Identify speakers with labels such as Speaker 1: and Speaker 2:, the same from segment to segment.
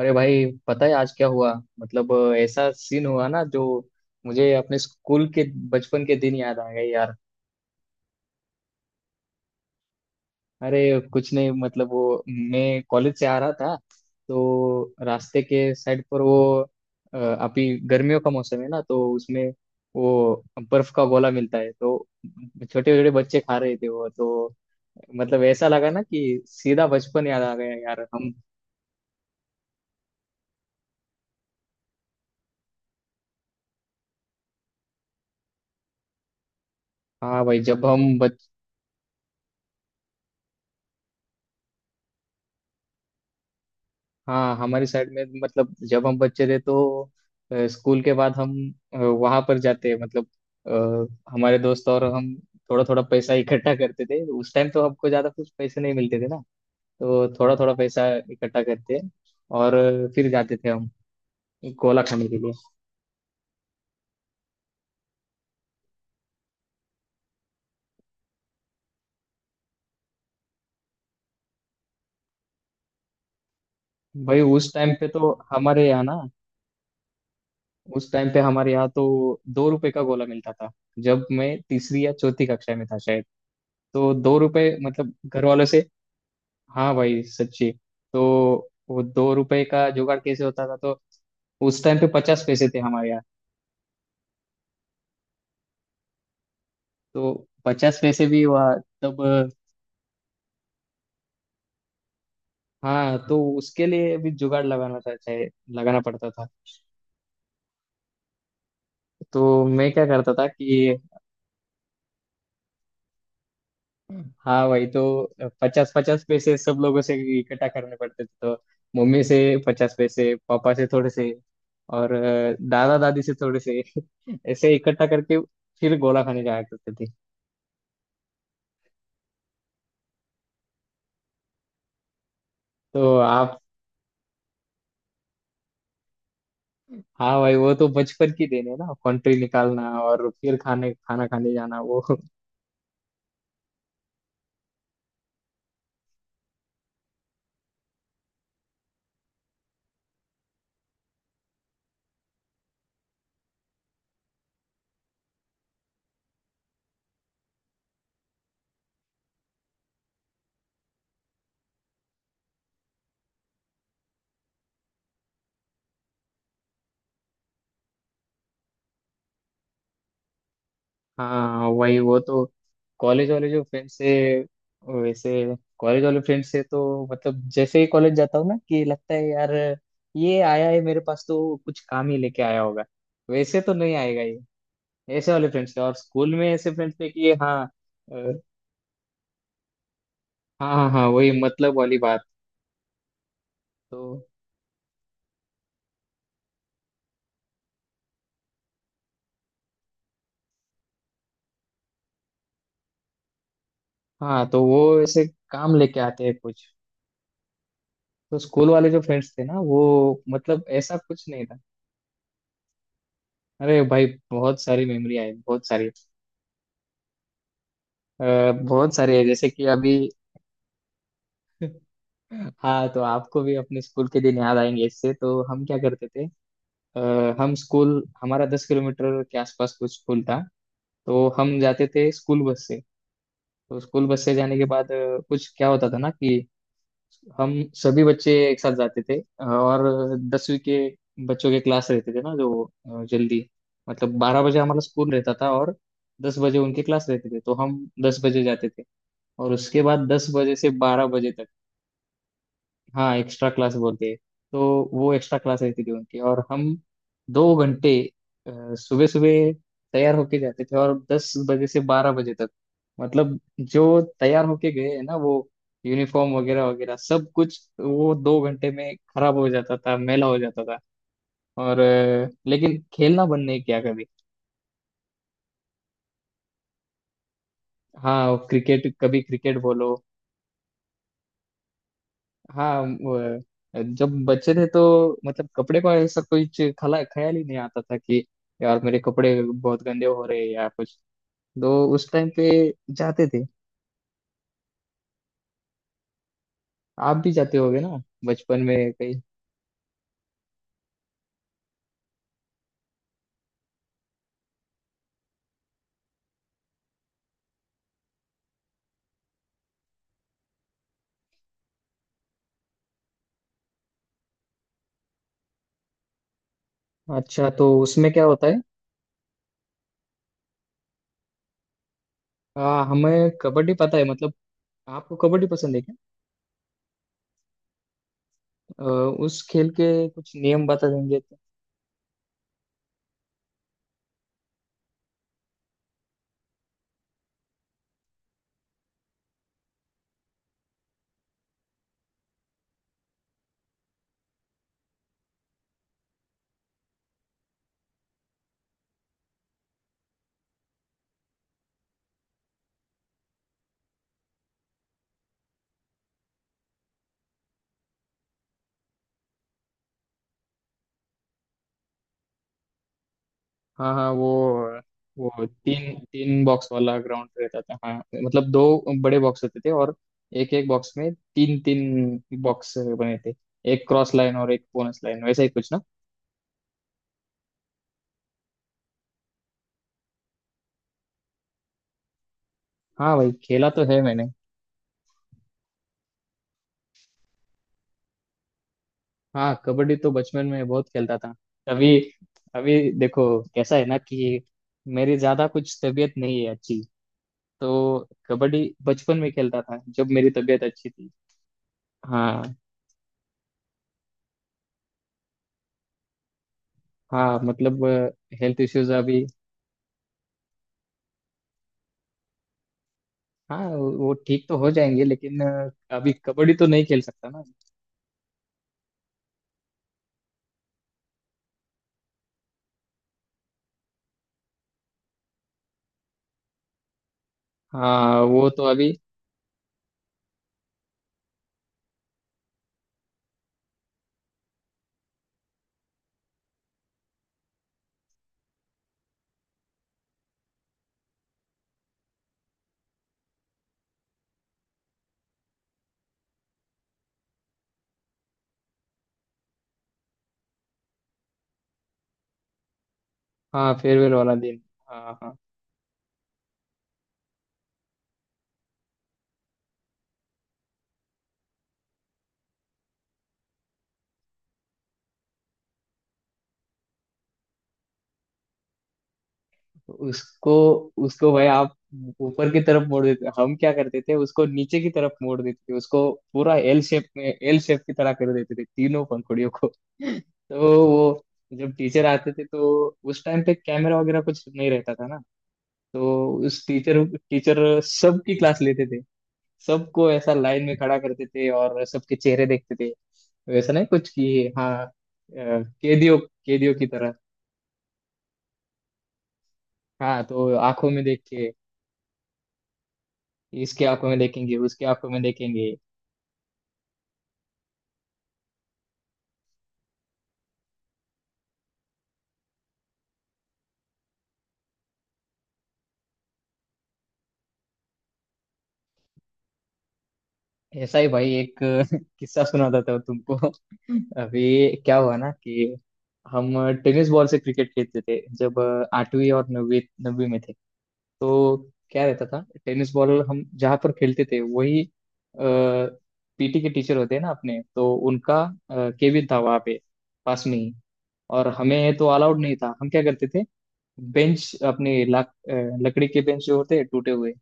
Speaker 1: अरे भाई, पता है आज क्या हुआ? मतलब ऐसा सीन हुआ ना, जो मुझे अपने स्कूल के बचपन के दिन याद आ गए यार। अरे कुछ नहीं, मतलब वो मैं कॉलेज से आ रहा था तो रास्ते के साइड पर वो अभी गर्मियों का मौसम है ना, तो उसमें वो बर्फ का गोला मिलता है, तो छोटे छोटे बच्चे खा रहे थे। वो तो मतलब ऐसा लगा ना कि सीधा बचपन याद आ गया यार हम। हाँ भाई, जब हम। हाँ, हमारी साइड में, मतलब जब हम बच्चे थे तो स्कूल के बाद हम वहां पर जाते, मतलब हमारे दोस्त और हम थोड़ा थोड़ा पैसा इकट्ठा करते थे उस टाइम। तो हमको ज्यादा कुछ पैसे नहीं मिलते थे ना, तो थोड़ा थोड़ा पैसा इकट्ठा करते और फिर जाते थे हम कोला खाने के लिए। भाई, उस टाइम पे तो हमारे यहाँ ना, उस टाइम पे हमारे यहाँ तो 2 रुपए का गोला मिलता था। जब मैं तीसरी या चौथी कक्षा में था शायद, तो 2 रुपए मतलब घर वालों से। हाँ भाई, सच्ची। तो वो 2 रुपए का जुगाड़ कैसे होता था, तो उस टाइम पे 50 पैसे थे हमारे यहाँ। तो 50 पैसे भी हुआ तब। हाँ, तो उसके लिए भी जुगाड़ लगाना था, चाहे लगाना पड़ता था। तो मैं क्या करता था कि हाँ भाई, तो पचास पचास पैसे सब लोगों से इकट्ठा करने पड़ते थे। तो मम्मी से 50 पैसे, पापा से थोड़े से, और दादा दादी से थोड़े से ऐसे इकट्ठा करके फिर गोला खाने जाया करते थे। तो आप। हाँ भाई, वो तो बचपन की देन है ना, कंट्री निकालना और फिर खाने खाना खाने जाना वो। हाँ, वही वो तो कॉलेज वाले जो फ्रेंड से, वैसे कॉलेज वाले फ्रेंड से तो मतलब जैसे ही कॉलेज जाता हूँ ना, कि लगता है यार, ये आया है मेरे पास तो कुछ काम ही लेके आया होगा, वैसे तो नहीं आएगा ये। ऐसे वाले फ्रेंड्स थे, और स्कूल में ऐसे फ्रेंड्स थे कि हाँ। अ, हाँ हाँ हाँ, वही मतलब वाली बात। तो हाँ, तो वो ऐसे काम लेके आते हैं कुछ। तो स्कूल वाले जो फ्रेंड्स थे ना वो मतलब ऐसा कुछ नहीं था। अरे भाई, बहुत सारी मेमोरी आई, बहुत सारी। बहुत सारी है, जैसे कि अभी हाँ, तो आपको भी अपने स्कूल के दिन याद आएंगे इससे। तो हम क्या करते थे? हम स्कूल, हमारा 10 किलोमीटर के आसपास कुछ स्कूल था, तो हम जाते थे स्कूल बस से। तो स्कूल बस से जाने के बाद कुछ क्या होता था ना कि हम सभी बच्चे एक साथ जाते थे, और 10वीं के बच्चों के क्लास रहते थे ना, जो जल्दी, मतलब 12 बजे हमारा स्कूल रहता था, और 10 बजे उनके क्लास रहते थे, तो हम 10 बजे जाते थे, और उसके बाद 10 बजे से 12 बजे तक हाँ एक्स्ट्रा क्लास बोलते हैं। तो वो एक्स्ट्रा क्लास रहती थी उनकी, और हम 2 घंटे सुबह सुबह तैयार होके जाते थे, और 10 बजे से 12 बजे तक मतलब जो तैयार होके गए हैं ना, वो यूनिफॉर्म वगैरह वगैरह सब कुछ वो 2 घंटे में खराब हो जाता था, मैला हो जाता था। और लेकिन खेलना बंद नहीं किया कभी। हाँ क्रिकेट, कभी क्रिकेट बोलो। हाँ वो, जब बच्चे थे तो मतलब कपड़े को ऐसा कुछ खला ख्याल ही नहीं आता था कि यार मेरे कपड़े बहुत गंदे हो रहे हैं या कुछ। तो उस टाइम पे जाते थे, आप भी जाते होगे ना बचपन में कहीं। अच्छा, तो उसमें क्या होता है? हमें कबड्डी पता है मतलब। आपको कबड्डी पसंद है क्या? आ, उस खेल के कुछ नियम बता देंगे। हाँ हाँ, वो तीन तीन बॉक्स वाला ग्राउंड रहता था हाँ, मतलब दो बड़े बॉक्स होते थे और एक एक बॉक्स में तीन तीन बॉक्स बने थे, एक क्रॉस लाइन और एक बोनस लाइन, वैसा ही कुछ ना। हाँ भाई, खेला तो है मैंने। हाँ, कबड्डी तो बचपन में बहुत खेलता था। अभी, अभी देखो कैसा है ना कि मेरी ज्यादा कुछ तबीयत नहीं है अच्छी। तो कबड्डी बचपन में खेलता था जब मेरी तबीयत अच्छी थी। हाँ। हाँ मतलब, हेल्थ इश्यूज अभी। हाँ वो ठीक तो हो जाएंगे, लेकिन अभी कबड्डी तो नहीं खेल सकता ना। हाँ वो तो अभी। हाँ फेयरवेल वाला दिन। हाँ हाँ। तो उसको उसको भाई आप ऊपर की तरफ मोड़ देते, हम क्या करते थे, उसको नीचे की तरफ मोड़ देते थे उसको, पूरा एल शेप में, एल शेप की तरह कर देते थे तीनों पंखुड़ियों को। तो वो, जब टीचर आते थे तो उस टाइम पे कैमरा वगैरह कुछ नहीं रहता था ना। तो उस टीचर टीचर सबकी क्लास लेते थे, सबको ऐसा लाइन में खड़ा करते थे और सबके चेहरे देखते थे। वैसा नहीं कुछ कि हाँ। कैदियों कैदियों की तरह। हाँ तो आंखों में देख के, इसके आंखों में देखेंगे, उसके आंखों में देखेंगे। ऐसा ही भाई, एक किस्सा सुनाता था तुमको। अभी क्या हुआ ना कि हम टेनिस बॉल से क्रिकेट खेलते थे, जब आठवीं और नवीं नवीं में थे तो, क्या रहता था, टेनिस बॉल हम जहाँ पर खेलते थे वही पीटी के टीचर होते हैं ना अपने, तो उनका केबिन था वहाँ पे, पास में ही। और हमें तो अलाउड नहीं था। हम क्या करते थे, बेंच अपने लकड़ी के बेंच जो होते हैं टूटे हुए,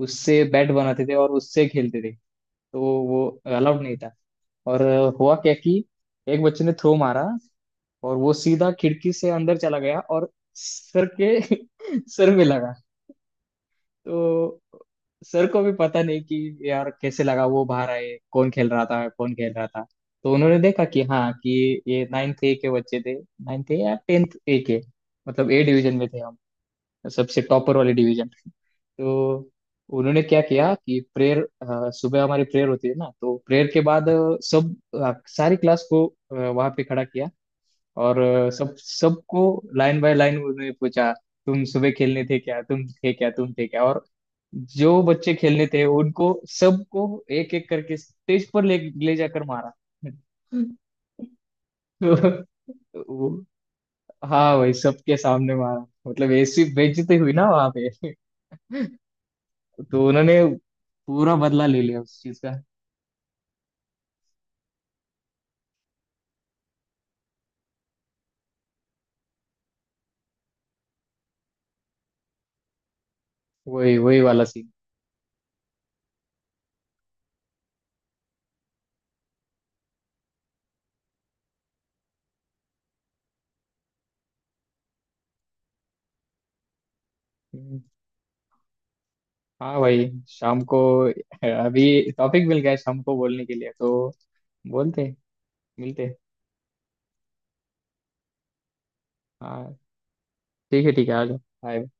Speaker 1: उससे बैट बनाते थे और उससे खेलते थे। तो वो अलाउड नहीं था। और हुआ क्या कि एक बच्चे ने थ्रो मारा, और वो सीधा खिड़की से अंदर चला गया और सर के सर में लगा। तो सर को भी पता नहीं कि यार कैसे लगा। वो बाहर आए, कौन खेल रहा था, कौन खेल रहा था। तो उन्होंने देखा कि हाँ, कि ये नाइन्थ ए के बच्चे थे, नाइन्थ ए या टेंथ ए के, मतलब ए डिवीजन में थे हम, सबसे टॉपर वाले डिवीजन। तो उन्होंने क्या किया कि प्रेयर, सुबह हमारी प्रेयर होती है ना, तो प्रेयर के बाद सारी क्लास को वहां पे खड़ा किया। और सब सबको लाइन बाय लाइन उन्होंने पूछा, तुम सुबह खेलने थे क्या, तुम थे क्या, तुम थे क्या। और जो बच्चे खेलने थे उनको सबको एक एक करके स्टेज पर ले ले जाकर मारा। तो, वो, हाँ भाई, सबके सामने मारा, मतलब ऐसी बेइज्जती हुई ना वहां पे। तो उन्होंने पूरा बदला ले लिया उस चीज का। वही, वही वाला सीन। हम्म, हाँ भाई, शाम को अभी टॉपिक मिल गया है शाम को बोलने के लिए। तो बोलते हैं, मिलते हैं। हाँ ठीक है, ठीक है आ जाओ। Bye.